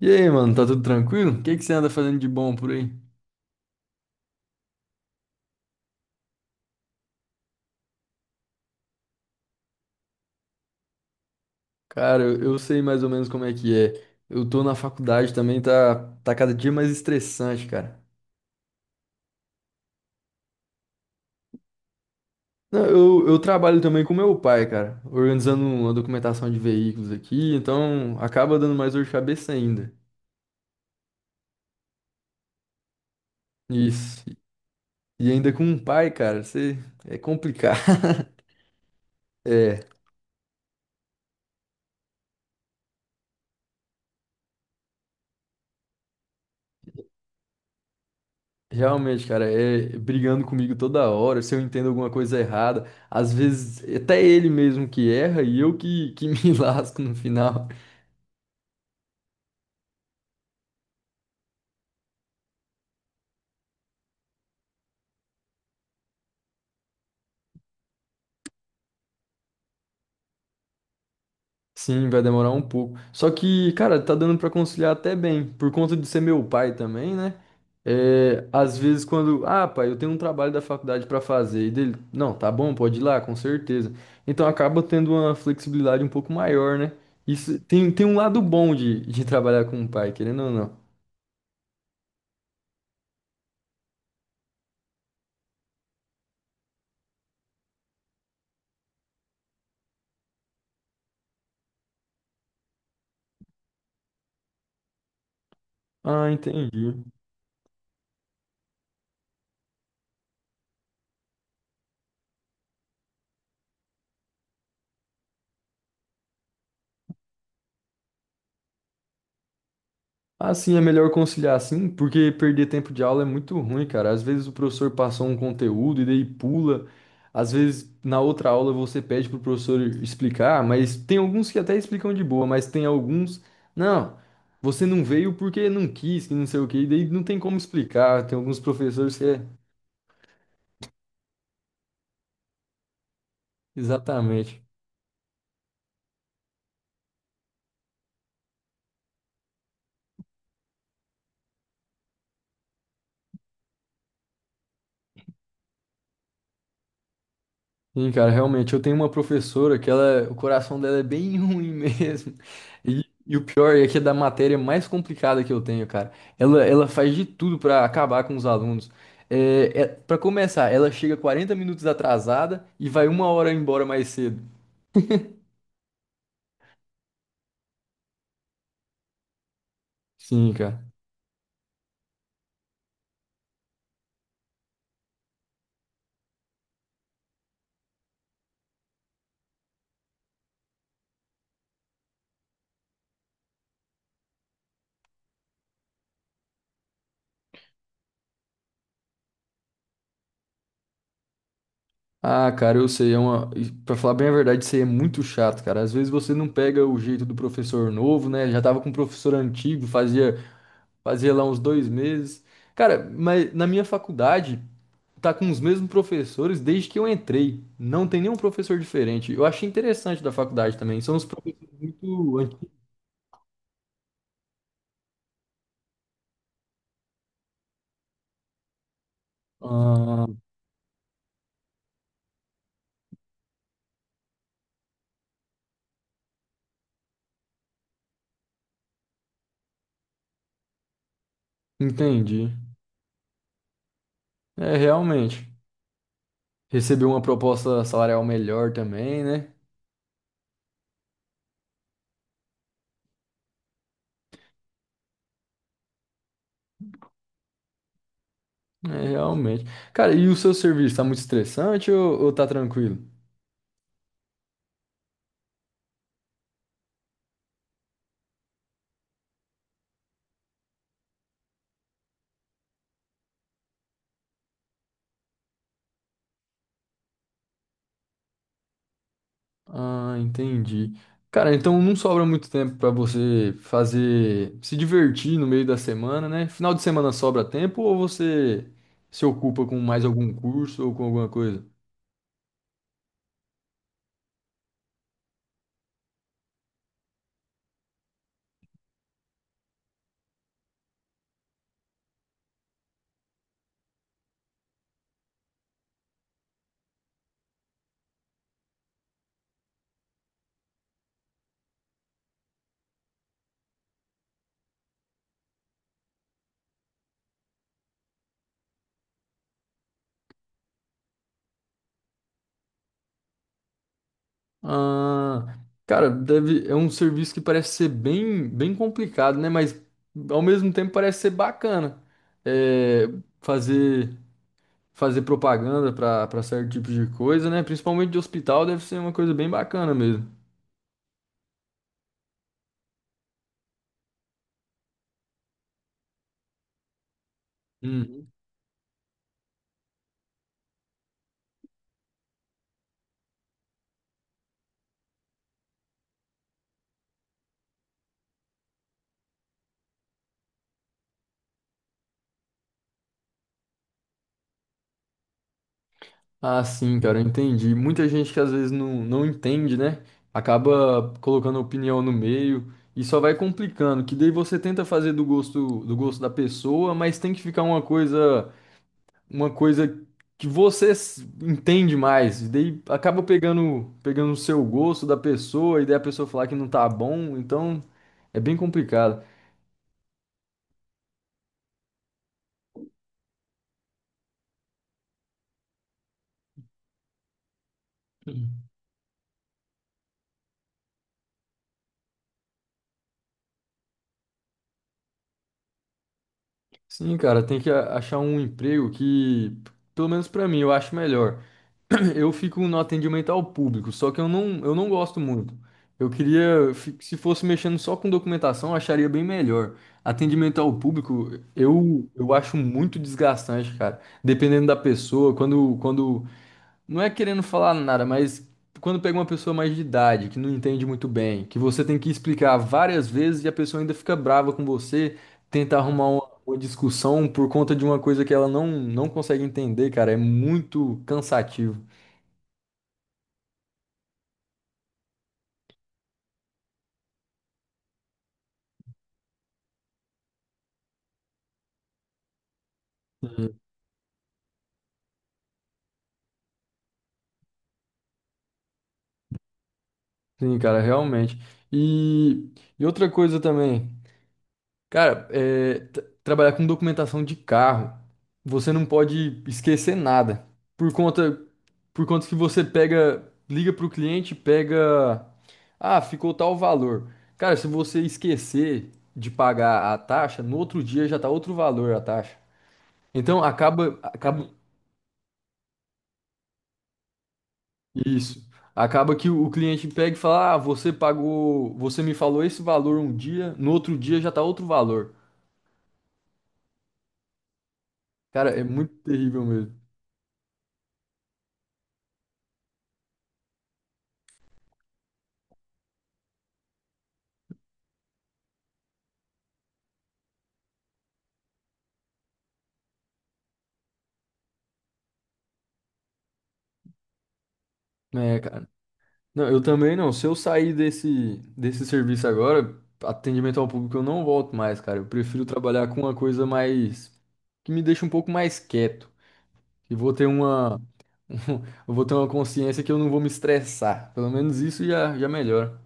E aí, mano, tá tudo tranquilo? O que que você anda fazendo de bom por aí? Cara, eu sei mais ou menos como é que é. Eu tô na faculdade também, tá cada dia mais estressante, cara. Não, eu trabalho também com meu pai, cara, organizando uma documentação de veículos aqui, então acaba dando mais dor de cabeça ainda. Isso. E ainda com um pai, cara, você é complicado. É. Realmente, cara, é brigando comigo toda hora, se eu entendo alguma coisa errada, às vezes até ele mesmo que erra e eu que me lasco no final. Sim, vai demorar um pouco. Só que, cara, tá dando pra conciliar até bem, por conta de ser meu pai também, né? É, às vezes quando, ah, pai, eu tenho um trabalho da faculdade pra fazer, e dele, não, tá bom, pode ir lá, com certeza. Então acaba tendo uma flexibilidade um pouco maior, né? Isso tem um lado bom de trabalhar com o pai, querendo ou não. Ah, entendi. Assim é melhor conciliar assim, porque perder tempo de aula é muito ruim, cara. Às vezes o professor passou um conteúdo e daí pula. Às vezes na outra aula você pede pro professor explicar, mas tem alguns que até explicam de boa, mas tem alguns, não, você não veio porque não quis, que não sei o quê, e daí não tem como explicar. Tem alguns professores que é exatamente. Sim, cara, realmente, eu tenho uma professora que ela, o coração dela é bem ruim mesmo. E, e o pior é que é da matéria mais complicada que eu tenho, cara. Ela faz de tudo pra acabar com os alunos. Para começar, ela chega 40 minutos atrasada e vai uma hora embora mais cedo. Sim, cara. Ah, cara, eu sei, é uma... E pra falar bem a verdade, isso aí é muito chato, cara. Às vezes você não pega o jeito do professor novo, né? Já tava com o professor antigo, fazia. Fazia lá uns dois meses. Cara, mas na minha faculdade tá com os mesmos professores desde que eu entrei. Não tem nenhum professor diferente. Eu achei interessante da faculdade também. São uns professores muito antigos. Ah, entendi. É, realmente. Recebeu uma proposta salarial melhor também, né? É, realmente. Cara, e o seu serviço tá muito estressante ou tá tranquilo? Ah, entendi. Cara, então não sobra muito tempo pra você fazer, se divertir no meio da semana, né? Final de semana sobra tempo ou você se ocupa com mais algum curso ou com alguma coisa? Ah, cara, deve, é um serviço que parece ser bem complicado, né? Mas ao mesmo tempo parece ser bacana. É, fazer, fazer propaganda para certo tipo de coisa, né? Principalmente de hospital deve ser uma coisa bem bacana mesmo. Hum. Ah, sim, cara, eu entendi. Muita gente que às vezes não entende, né? Acaba colocando opinião no meio e só vai complicando, que daí você tenta fazer do gosto da pessoa, mas tem que ficar uma coisa que você s- entende mais, e daí acaba pegando o seu gosto da pessoa e daí a pessoa falar que não tá bom, então é bem complicado. Sim, cara, tem que a- achar um emprego que, pelo menos pra mim, eu acho melhor. Eu fico no atendimento ao público, só que eu não gosto muito. Eu queria, fi- se fosse mexendo só com documentação, eu acharia bem melhor. Atendimento ao público, eu acho muito desgastante, cara. Dependendo da pessoa, não é querendo falar nada, mas quando pega uma pessoa mais de idade, que não entende muito bem, que você tem que explicar várias vezes e a pessoa ainda fica brava com você, tenta arrumar uma discussão por conta de uma coisa que ela não consegue entender, cara, é muito cansativo. Sim, cara, realmente. E, e outra coisa também, cara, é, tra- trabalhar com documentação de carro, você não pode esquecer nada. Por conta, por conta que você pega, liga pro cliente, pega, ah, ficou tal valor. Cara, se você esquecer de pagar a taxa, no outro dia já tá outro valor a taxa. Então acaba. Isso. Acaba que o cliente pega e fala: Ah, você pagou, você me falou esse valor um dia, no outro dia já tá outro valor. Cara, é muito terrível mesmo. É, cara. Não, eu também não. Se eu sair desse serviço agora, atendimento ao público, eu não volto mais, cara. Eu prefiro trabalhar com uma coisa mais, que me deixa um pouco mais quieto. E vou ter uma, eu vou ter uma consciência que eu não vou me estressar. Pelo menos isso já melhora.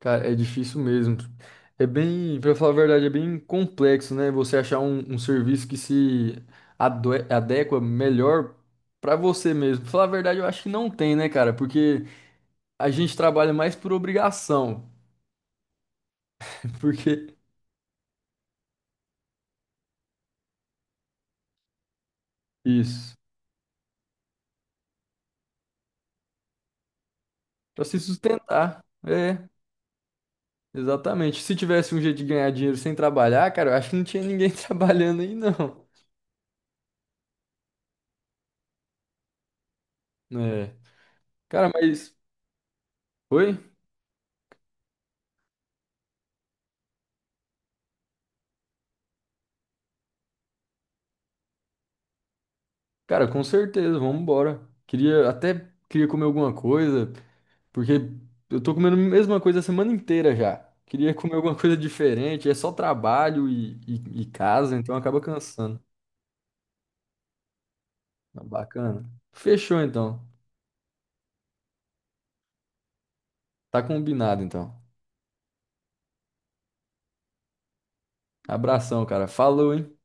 Cara, é difícil mesmo. É bem, pra falar a verdade, é bem complexo, né? Você achar um serviço que se adue- adequa melhor pra você mesmo. Pra falar a verdade, eu acho que não tem, né, cara? Porque a gente trabalha mais por obrigação. Porque isso, pra se sustentar. É, exatamente. Se tivesse um jeito de ganhar dinheiro sem trabalhar, cara, eu acho que não tinha ninguém trabalhando aí, não. É. Cara, mas oi? Cara, com certeza, vamos embora. Queria até queria comer alguma coisa. Porque eu tô comendo a mesma coisa a semana inteira já. Queria comer alguma coisa diferente, é só trabalho e casa, então acaba cansando. Mas bacana. Fechou então. Tá combinado então. Abração, cara. Falou, hein?